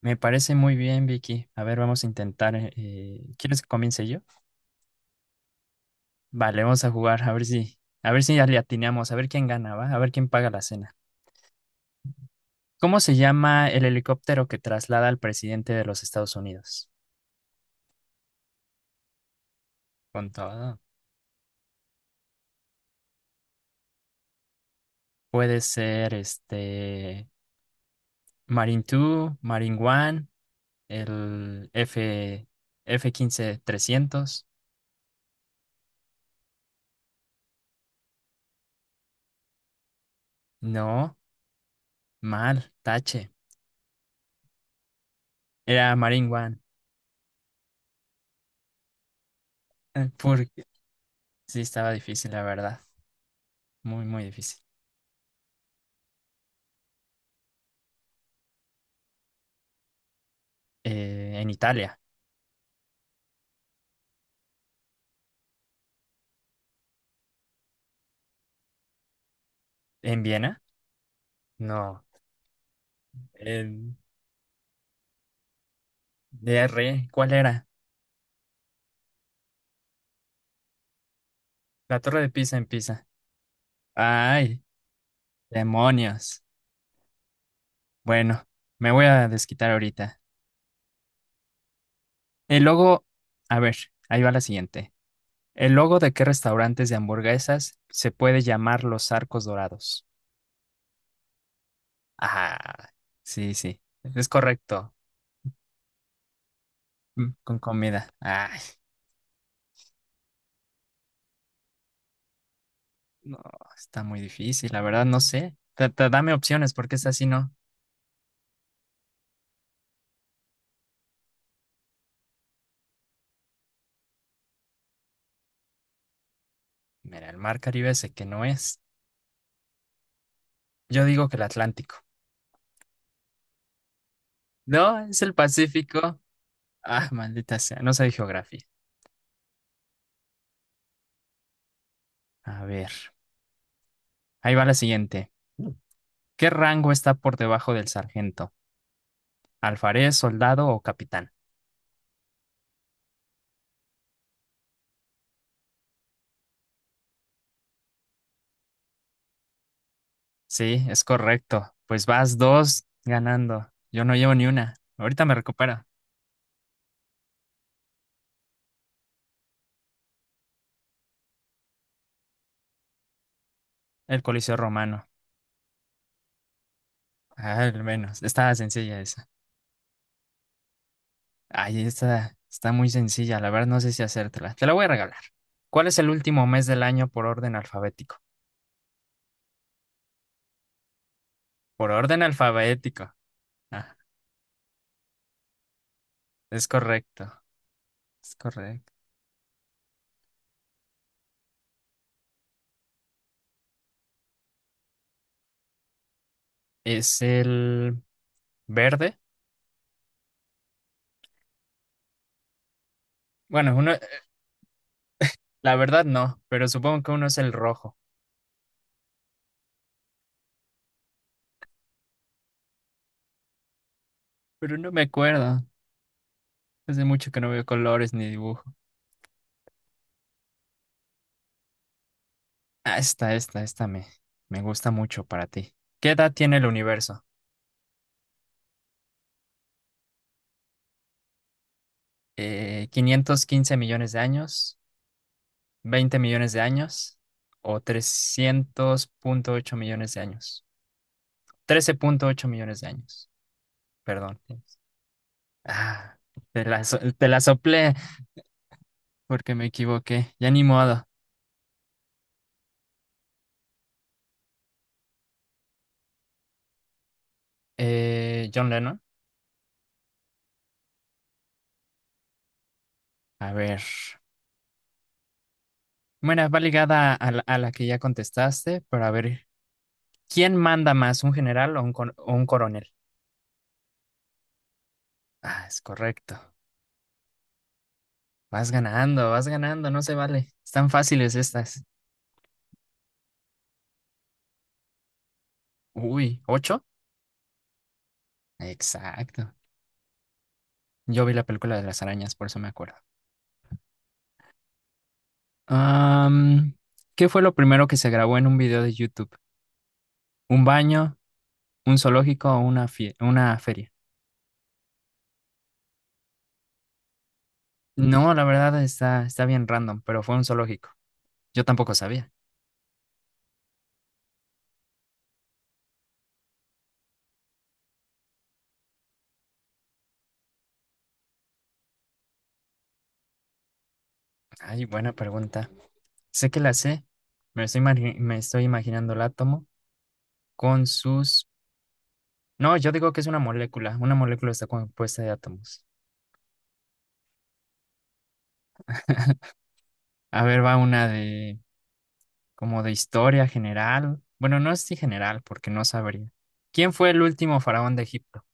Me parece muy bien, Vicky. A ver, vamos a intentar. ¿Quieres que comience yo? Vale, vamos a jugar, a ver si ya le atinamos, a ver quién gana, ¿va? A ver quién paga la cena. ¿Cómo se llama el helicóptero que traslada al presidente de los Estados Unidos? Con todo. Puede ser este Marine 2, Marine 1, el F, f 15 300. No, mal, tache. Era Marine One. Porque sí estaba difícil, la verdad. Muy, muy difícil. En Italia, en Viena, no, en DR, ¿cuál era? La Torre de Pisa en Pisa. Ay, demonios. Bueno, me voy a desquitar ahorita. El logo, a ver, ahí va la siguiente. ¿El logo de qué restaurantes de hamburguesas se puede llamar los arcos dorados? Ah, sí, sí, es correcto. Mm, con comida. Ay, no, está muy difícil, la verdad no sé. Dame opciones porque es así, ¿no? Mira, el mar Caribe sé que no es. Yo digo que el Atlántico. No, es el Pacífico. Ah, maldita sea, no sé geografía. A ver, ahí va la siguiente. ¿Qué rango está por debajo del sargento? ¿Alfarés, soldado o capitán? Sí, es correcto. Pues vas dos ganando. Yo no llevo ni una. Ahorita me recupero. El Coliseo Romano. Ah, al menos. Estaba sencilla esa. Ay, está muy sencilla. La verdad no sé si hacértela. Te la voy a regalar. ¿Cuál es el último mes del año por orden alfabético? Por orden alfabético. Ah, es correcto, es correcto. Es el verde. Bueno, uno, la verdad no, pero supongo que uno es el rojo. Pero no me acuerdo. Hace mucho que no veo colores ni dibujo. Ah, esta me gusta mucho para ti. ¿Qué edad tiene el universo? ¿515 millones de años? ¿20 millones de años? ¿O 300,8 millones de años? 13,8 millones de años. Perdón. Ah, te la soplé. Porque me equivoqué. Ya ni modo. John Lennon. A ver. Bueno, va ligada a la que ya contestaste, pero a ver, ¿quién manda más, un general o un coronel? Ah, es correcto. Vas ganando, no se vale. Están fáciles estas. Uy, ¿ocho? Exacto. Yo vi la película de las arañas, por eso me acuerdo. Am, ¿Qué fue lo primero que se grabó en un video de YouTube? ¿Un baño, un zoológico o una feria? No, la verdad está bien random, pero fue un zoológico. Yo tampoco sabía. Ay, buena pregunta. Sé que la sé. Me estoy imaginando el átomo con sus. No, yo digo que es una molécula. Una molécula está compuesta de átomos. A ver, va una de, como de historia general. Bueno, no es de general, porque no sabría. ¿Quién fue el último faraón de Egipto?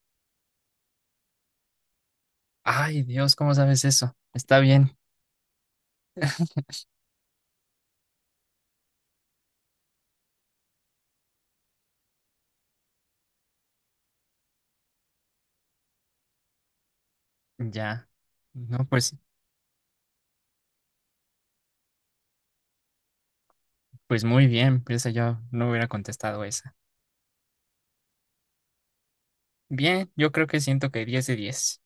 Ay, Dios, ¿cómo sabes eso? Está bien. Ya. No, pues muy bien. Piensa yo, no hubiera contestado esa. Bien, yo creo que siento que 10 de 10.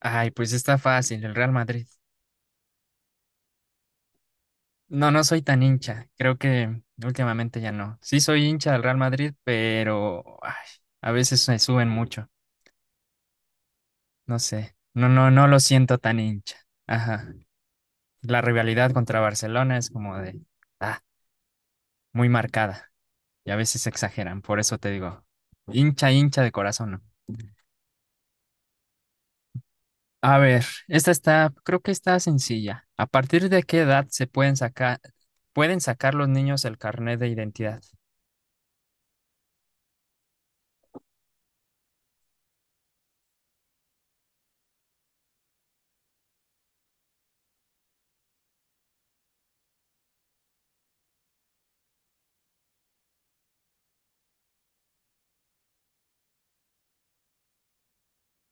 Ay, pues está fácil, el Real Madrid. No, no soy tan hincha, creo que últimamente ya no. Sí soy hincha del Real Madrid, pero ay, a veces me suben mucho, no sé. No, no, no lo siento tan hincha. Ajá. La rivalidad contra Barcelona es como de, ah, muy marcada y a veces exageran, por eso te digo, hincha, hincha de corazón, ¿no? A ver, esta está, creo que está sencilla. ¿A partir de qué edad pueden sacar los niños el carnet de identidad?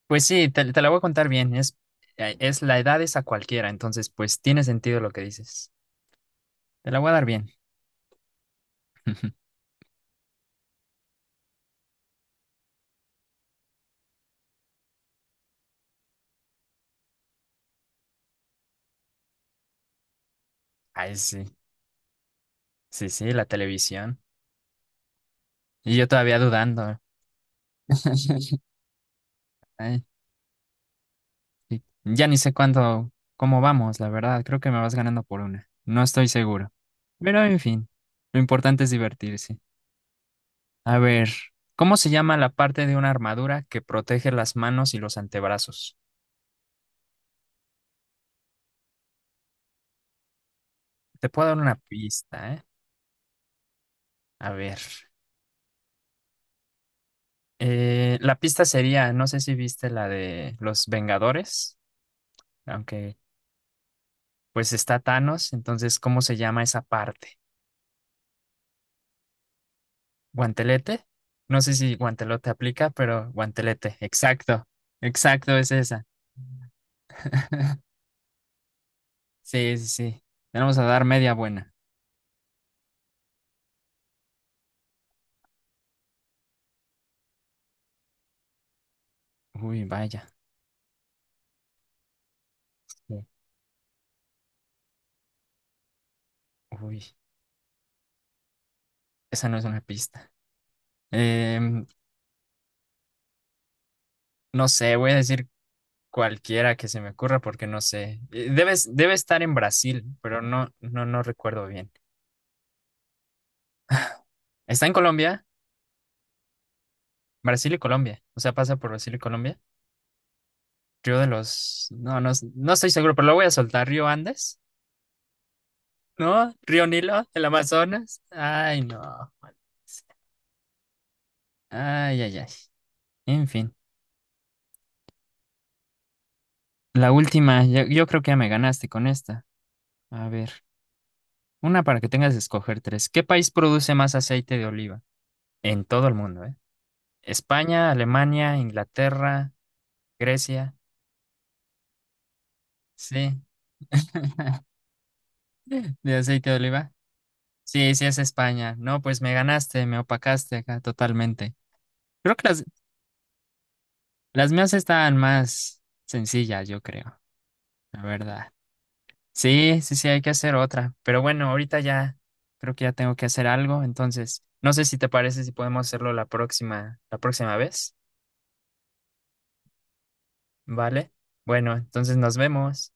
Pues sí, te la voy a contar bien. Es la edad es a cualquiera, entonces pues tiene sentido lo que dices. Te la voy a dar bien. Ay, sí, sí, sí, la televisión. Y yo todavía dudando. Ay, sí. Ya ni sé cuándo, cómo vamos, la verdad. Creo que me vas ganando por una. No estoy seguro. Pero en fin, lo importante es divertirse. A ver, ¿cómo se llama la parte de una armadura que protege las manos y los antebrazos? Te puedo dar una pista, ¿eh? A ver, la pista sería, no sé si viste la de los Vengadores, aunque pues está Thanos, entonces, ¿cómo se llama esa parte? ¿Guantelete? No sé si guantelote aplica, pero guantelete, exacto, exacto, es esa. Sí, sí, sí. Le vamos a dar media buena. Uy, vaya. Sí, uy, esa no es una pista. Em, No sé, voy a decir cualquiera que se me ocurra porque no sé. Debe estar en Brasil, pero no, no, no recuerdo bien. ¿Está en Colombia? Brasil y Colombia. O sea, pasa por Brasil y Colombia. Río de los. No, no, no estoy seguro, pero lo voy a soltar. ¿Río Andes? ¿No? ¿Río Nilo? ¿El Amazonas? Ay, no. Ay, ay, ay. En fin. La última, yo creo que ya me ganaste con esta. A ver, una para que tengas que escoger tres. ¿Qué país produce más aceite de oliva? En todo el mundo, ¿eh? España, Alemania, Inglaterra, Grecia. Sí, de aceite de oliva. Sí, sí es España. No, pues me ganaste, me opacaste acá totalmente. Creo que las mías estaban más sencillas, yo creo, la verdad. Sí, sí, sí, hay que hacer otra. Pero bueno, ahorita ya creo que ya tengo que hacer algo, entonces no sé si te parece si podemos hacerlo la próxima vez, ¿vale? Bueno, entonces nos vemos.